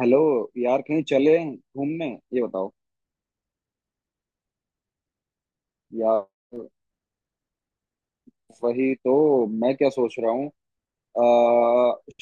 Hello. यार कहीं चले घूमने, ये बताओ। यार वही तो, मैं क्या सोच रहा हूँ। अ,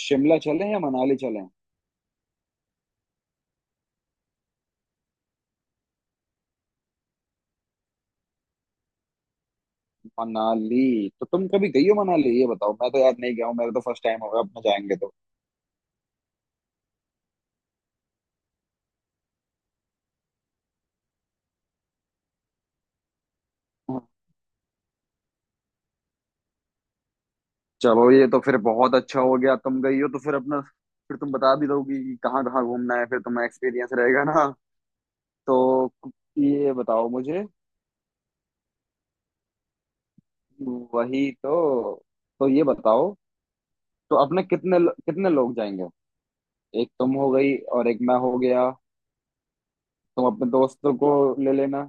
शिमला चलें या मनाली चलें। मनाली तो तुम कभी गई हो मनाली, ये बताओ। मैं तो यार नहीं गया हूँ, मेरा तो फर्स्ट टाइम होगा अपना जाएंगे तो। हाँ, चलो ये तो फिर बहुत अच्छा हो गया, तुम गई हो तो फिर अपना, फिर तुम बता भी दोगी कि कहाँ कहाँ घूमना है, फिर तुम्हें एक्सपीरियंस रहेगा ना। तो ये बताओ मुझे। वही तो। तो ये बताओ। तो अपने कितने कितने लोग जाएंगे। एक तुम हो गई और एक मैं हो गया। तुम अपने दोस्तों को ले लेना।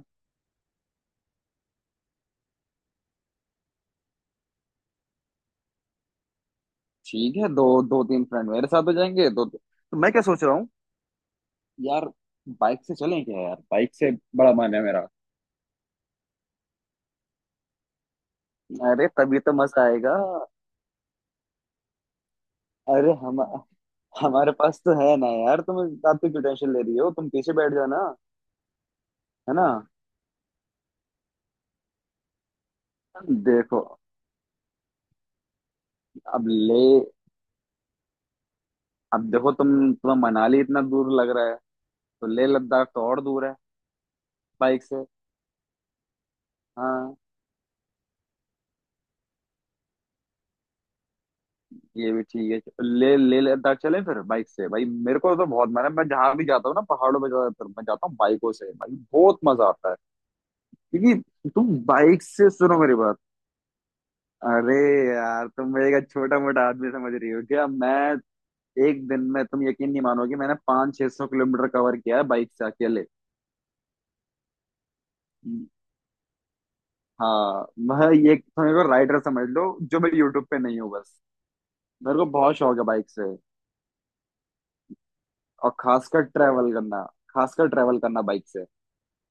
ठीक है, दो दो तीन फ्रेंड मेरे साथ हो जाएंगे दो, तो मैं क्या सोच रहा हूँ। यार बाइक से चलें क्या, यार बाइक से बड़ा मन है मेरा। अरे तभी तो मजा आएगा। अरे हम हमारे पास तो है ना यार, तुम इस बात की क्यों टेंशन ले रही हो, तुम पीछे बैठ जाना। है ना, देखो। अब ले अब देखो तुम, तुम्हें मनाली इतना दूर लग रहा है तो ले लद्दाख तो और दूर है, बाइक से। हाँ ये भी ठीक है, ले ले लद्दाख चलें फिर बाइक से, भाई मेरे को तो बहुत मैं जहां भी जाता हूँ ना पहाड़ों पे, ज्यादातर मैं जाता हूँ बाइकों से, भाई बहुत मजा आता है। क्योंकि तुम बाइक से, सुनो मेरी बात, अरे यार तुम मेरे का छोटा मोटा आदमी समझ रही हो क्या? मैं एक दिन में, तुम यकीन नहीं मानोगे, मैंने 500-600 किलोमीटर कवर किया है बाइक से अकेले। हाँ मैं, ये तुम्हें को राइडर समझ लो, जो मैं यूट्यूब पे नहीं हूँ बस। मेरे को बहुत शौक है बाइक से, और खासकर ट्रैवल करना, खासकर ट्रैवल करना बाइक से।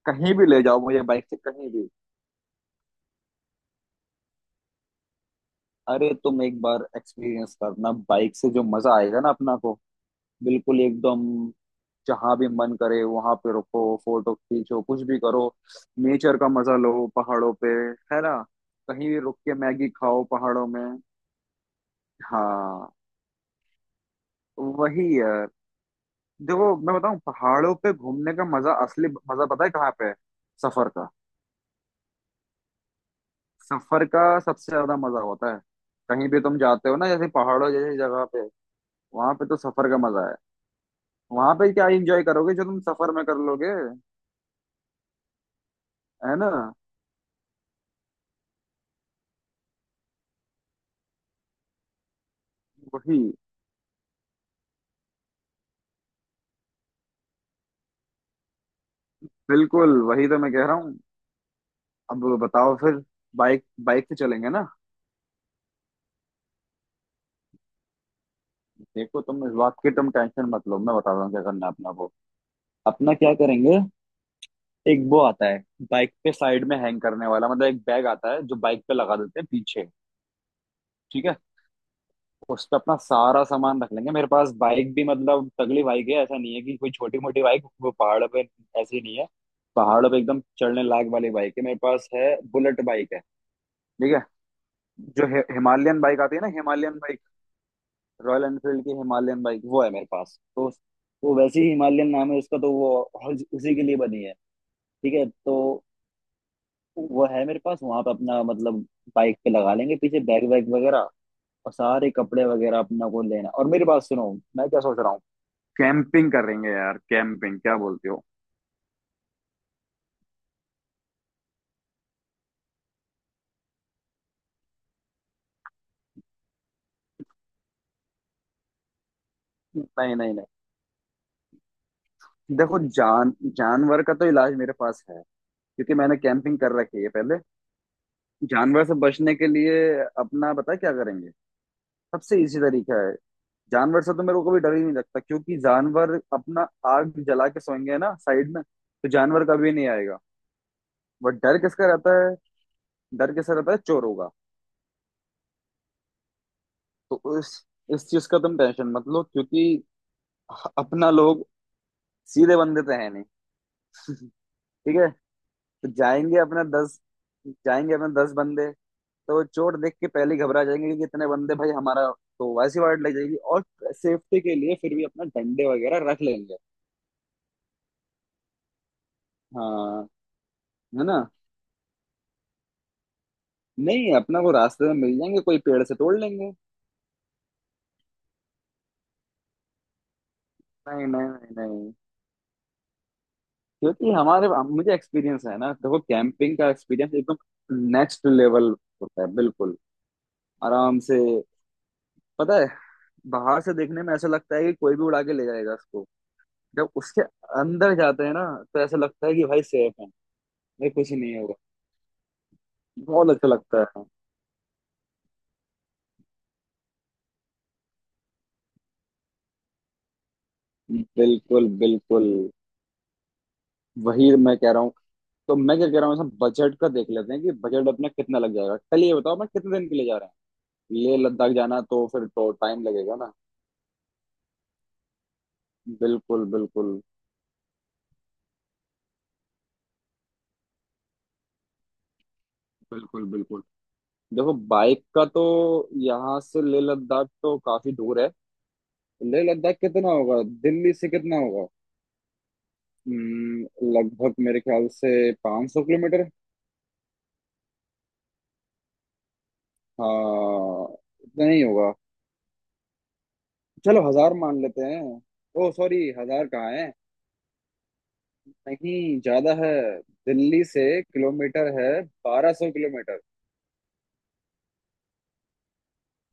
कहीं भी ले जाओ मुझे बाइक से, कहीं भी। अरे तुम एक बार एक्सपीरियंस करना बाइक से, जो मजा आएगा ना अपना को, बिल्कुल एकदम। जहां भी मन करे वहां पे रुको, फोटो खींचो, कुछ भी करो। नेचर का मजा लो पहाड़ों पे, है ना। कहीं भी रुक के मैगी खाओ पहाड़ों में। हाँ वही यार। देखो मैं बताऊं, पहाड़ों पे घूमने का मजा, असली मजा पता है कहाँ पे है? सफर का। सफर का सबसे ज्यादा मजा होता है, कहीं भी तुम जाते हो ना जैसे पहाड़ों जैसी जगह पे, वहां पे तो सफर का मजा है। वहां पे क्या एंजॉय करोगे जो तुम सफर में कर लोगे, है ना। वही, बिल्कुल वही तो मैं कह रहा हूँ। अब बताओ फिर, बाइक बाइक से चलेंगे ना। देखो तुम इस बात की, तुम टेंशन मत लो, मैं बता रहा हूँ क्या करना है अपना वो, अपना क्या करेंगे, एक वो आता है बाइक पे साइड में हैंग करने वाला, मतलब एक बैग आता है जो बाइक पे लगा देते हैं पीछे। ठीक है, उस पे अपना सारा सामान रख लेंगे। मेरे पास बाइक भी मतलब तगड़ी बाइक है, ऐसा नहीं है कि कोई छोटी मोटी बाइक वो पहाड़ पे, ऐसी नहीं है। पहाड़ों पे एकदम चढ़ने लायक वाली बाइक है मेरे पास, है बुलेट बाइक है। ठीक है। जो हिमालयन बाइक आती है ना, हिमालयन बाइक, रॉयल एनफील्ड की हिमालयन बाइक वो है मेरे पास तो। वो वैसे ही हिमालयन नाम है उसका, तो वो उसी के लिए बनी है। ठीक है तो वो है मेरे पास। वहां पे अपना मतलब बाइक पे लगा लेंगे पीछे बैग वैग वगैरह, और सारे कपड़े वगैरह अपना को लेना। और मेरी बात सुनो, मैं क्या सोच रहा हूँ, कैंपिंग करेंगे यार, कैंपिंग, क्या बोलते हो। नहीं नहीं नहीं, देखो जानवर का तो इलाज मेरे पास है, क्योंकि मैंने कैंपिंग कर रखी है पहले। जानवर से बचने के लिए अपना, पता है क्या करेंगे, सबसे इजी तरीका है। जानवर से तो मेरे को कभी डर ही नहीं लगता, क्योंकि जानवर, अपना आग जला के सोएंगे ना साइड में, तो जानवर कभी नहीं आएगा। बट डर किसका रहता है, डर किसका रहता है, चोरों का। तो इस चीज का तुम टेंशन मत लो, क्योंकि अपना लोग सीधे बंदे तो है नहीं। ठीक है। तो जाएंगे अपना दस जाएंगे अपना 10 बंदे, तो चोट देख के पहले ही घबरा जाएंगे कि इतने बंदे, भाई हमारा तो वैसी वार्ड लग जाएगी। और सेफ्टी के लिए फिर भी अपना डंडे वगैरह रख लेंगे। हाँ, है ना, नहीं अपना को रास्ते में मिल जाएंगे, कोई पेड़ से तोड़ लेंगे। नहीं नहीं नहीं नहीं, क्योंकि हमारे, मुझे एक्सपीरियंस है ना। देखो कैंपिंग का एक्सपीरियंस एकदम नेक्स्ट लेवल होता है, बिल्कुल आराम से। पता है, बाहर से देखने में ऐसा लगता है कि कोई भी उड़ा के ले जाएगा इसको, जब उसके अंदर जाते हैं ना तो ऐसा लगता है कि भाई सेफ है, भाई कुछ नहीं होगा। बहुत अच्छा लगता है। बिल्कुल बिल्कुल, वही मैं कह रहा हूँ। तो मैं क्या कह रहा हूँ, इसमें बजट का देख लेते हैं कि बजट अपना कितना लग जाएगा। कल ये बताओ, मैं कितने दिन के लिए जा रहा हूँ, लेह लद्दाख जाना तो फिर तो टाइम लगेगा ना। बिल्कुल बिल्कुल, बिल्कुल बिल्कुल। देखो बाइक का तो, यहाँ से लेह लद्दाख तो काफी दूर है। लेह लद्दाख कितना होगा दिल्ली से, कितना होगा? हम्म, लगभग मेरे ख्याल से 500 किलोमीटर। हाँ इतना ही होगा। चलो हजार मान लेते हैं। ओ सॉरी, हजार कहाँ है, नहीं ज्यादा है। दिल्ली से किलोमीटर है 1,200 किलोमीटर।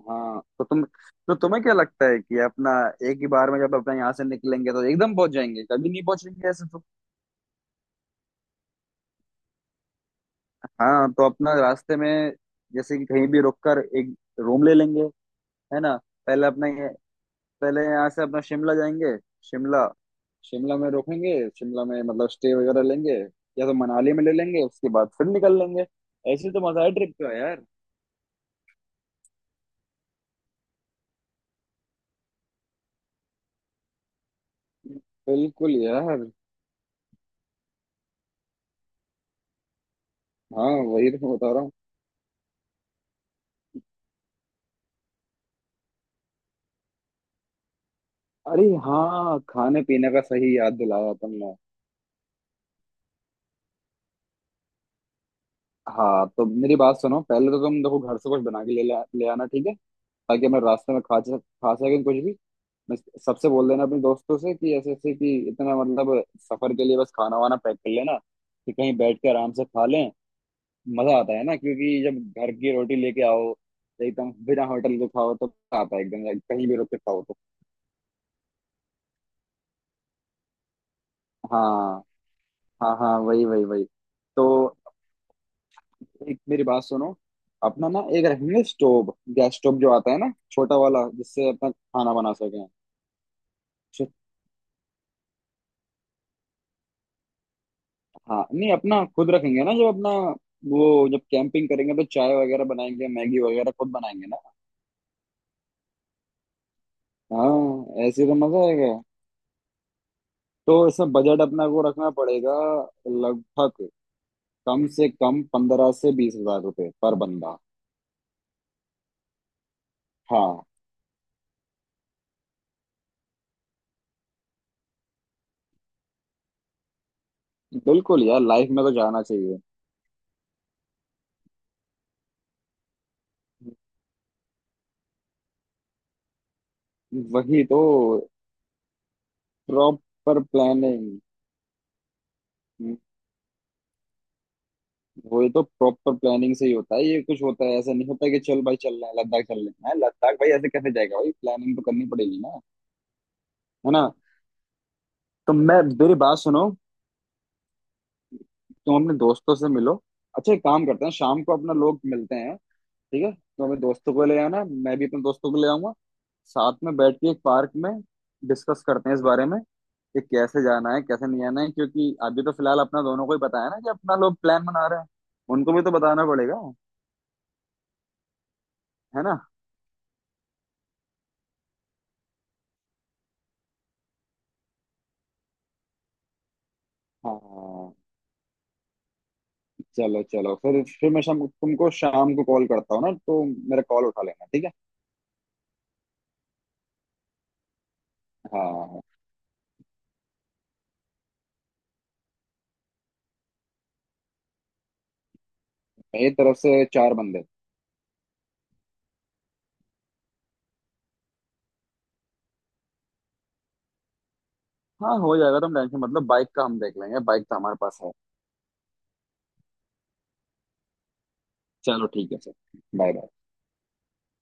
हाँ तो तुम, तो तुम्हें क्या लगता है कि अपना एक ही बार में जब अपना यहाँ से निकलेंगे तो एकदम पहुंच जाएंगे, कभी नहीं पहुंचेंगे ऐसे तो। हाँ तो अपना रास्ते में, जैसे कि कहीं भी रुक कर एक रूम ले लेंगे, है ना। पहले अपना पहले यहाँ से अपना शिमला जाएंगे। शिमला, शिमला में रुकेंगे, शिमला में मतलब स्टे वगैरह लेंगे, या तो मनाली में ले लेंगे उसके बाद फिर निकल लेंगे। ऐसे तो मजा है ट्रिप का यार। बिल्कुल यार। हाँ वही तो मैं बता रहा हूँ। अरे हाँ, खाने पीने का सही याद दिलाया तुमने। हाँ तो मेरी बात सुनो, पहले तो तुम देखो घर से कुछ बना के ले आना, ठीक है, ताकि मैं रास्ते में खा सकूँ कुछ भी। मैं सबसे बोल देना अपने दोस्तों से कि ऐसे ऐसे कि इतना मतलब, सफर के लिए बस खाना वाना पैक कर लेना, कि कहीं बैठ के आराम से खा लें। मजा आता है ना, क्योंकि जब घर की रोटी लेके आओ, एकदम बिना होटल के खाओ तो मजा आता है, एकदम कहीं भी रुक के खाओ तो। हाँ हाँ हाँ, वही वही वही। तो एक मेरी बात सुनो, अपना ना एक रखेंगे स्टोव, गैस स्टोव जो आता है ना छोटा वाला, जिससे अपना खाना बना सकें। हाँ नहीं अपना खुद रखेंगे ना, जब अपना, वो जब कैंपिंग करेंगे तो चाय वगैरह बनाएंगे, मैगी वगैरह खुद बनाएंगे ना। हाँ ऐसे तो मजा आएगा। तो इसमें बजट अपना को रखना पड़ेगा, लगभग कम से कम 15 से 20 हजार रुपये पर बंदा। हाँ बिल्कुल यार, लाइफ में तो जाना चाहिए। वही तो, प्रॉपर प्लानिंग, वही तो प्रॉपर प्लानिंग से ही होता है ये, कुछ होता है, ऐसा नहीं होता कि चल भाई चल रहे हैं लद्दाख, चल रहे हैं हाँ, लद्दाख भाई ऐसे कैसे जाएगा, भाई प्लानिंग तो करनी पड़ेगी ना। है ना। तो मैं मेरी बात सुनो, तुम अपने दोस्तों से मिलो, अच्छा एक काम करते हैं, शाम को अपना लोग मिलते हैं। ठीक है, तुम अपने दोस्तों को ले आना, मैं भी अपने दोस्तों को ले आऊंगा। साथ में बैठ के एक पार्क में डिस्कस करते हैं इस बारे में, कि कैसे जाना है, कैसे नहीं आना है, क्योंकि अभी तो फिलहाल अपना दोनों को ही बताया ना कि अपना लोग प्लान बना रहे हैं, उनको भी तो बताना पड़ेगा। है ना। हाँ चलो चलो, फिर मैं शाम, तुमको शाम को कॉल करता हूँ ना तो, मेरा कॉल उठा लेना, ठीक है। हाँ मेरी तरफ से चार बंदे। हाँ हो जाएगा, तुम टेंशन, मतलब बाइक का हम देख लेंगे, बाइक तो हमारे पास है। चलो ठीक है सर, बाय बाय।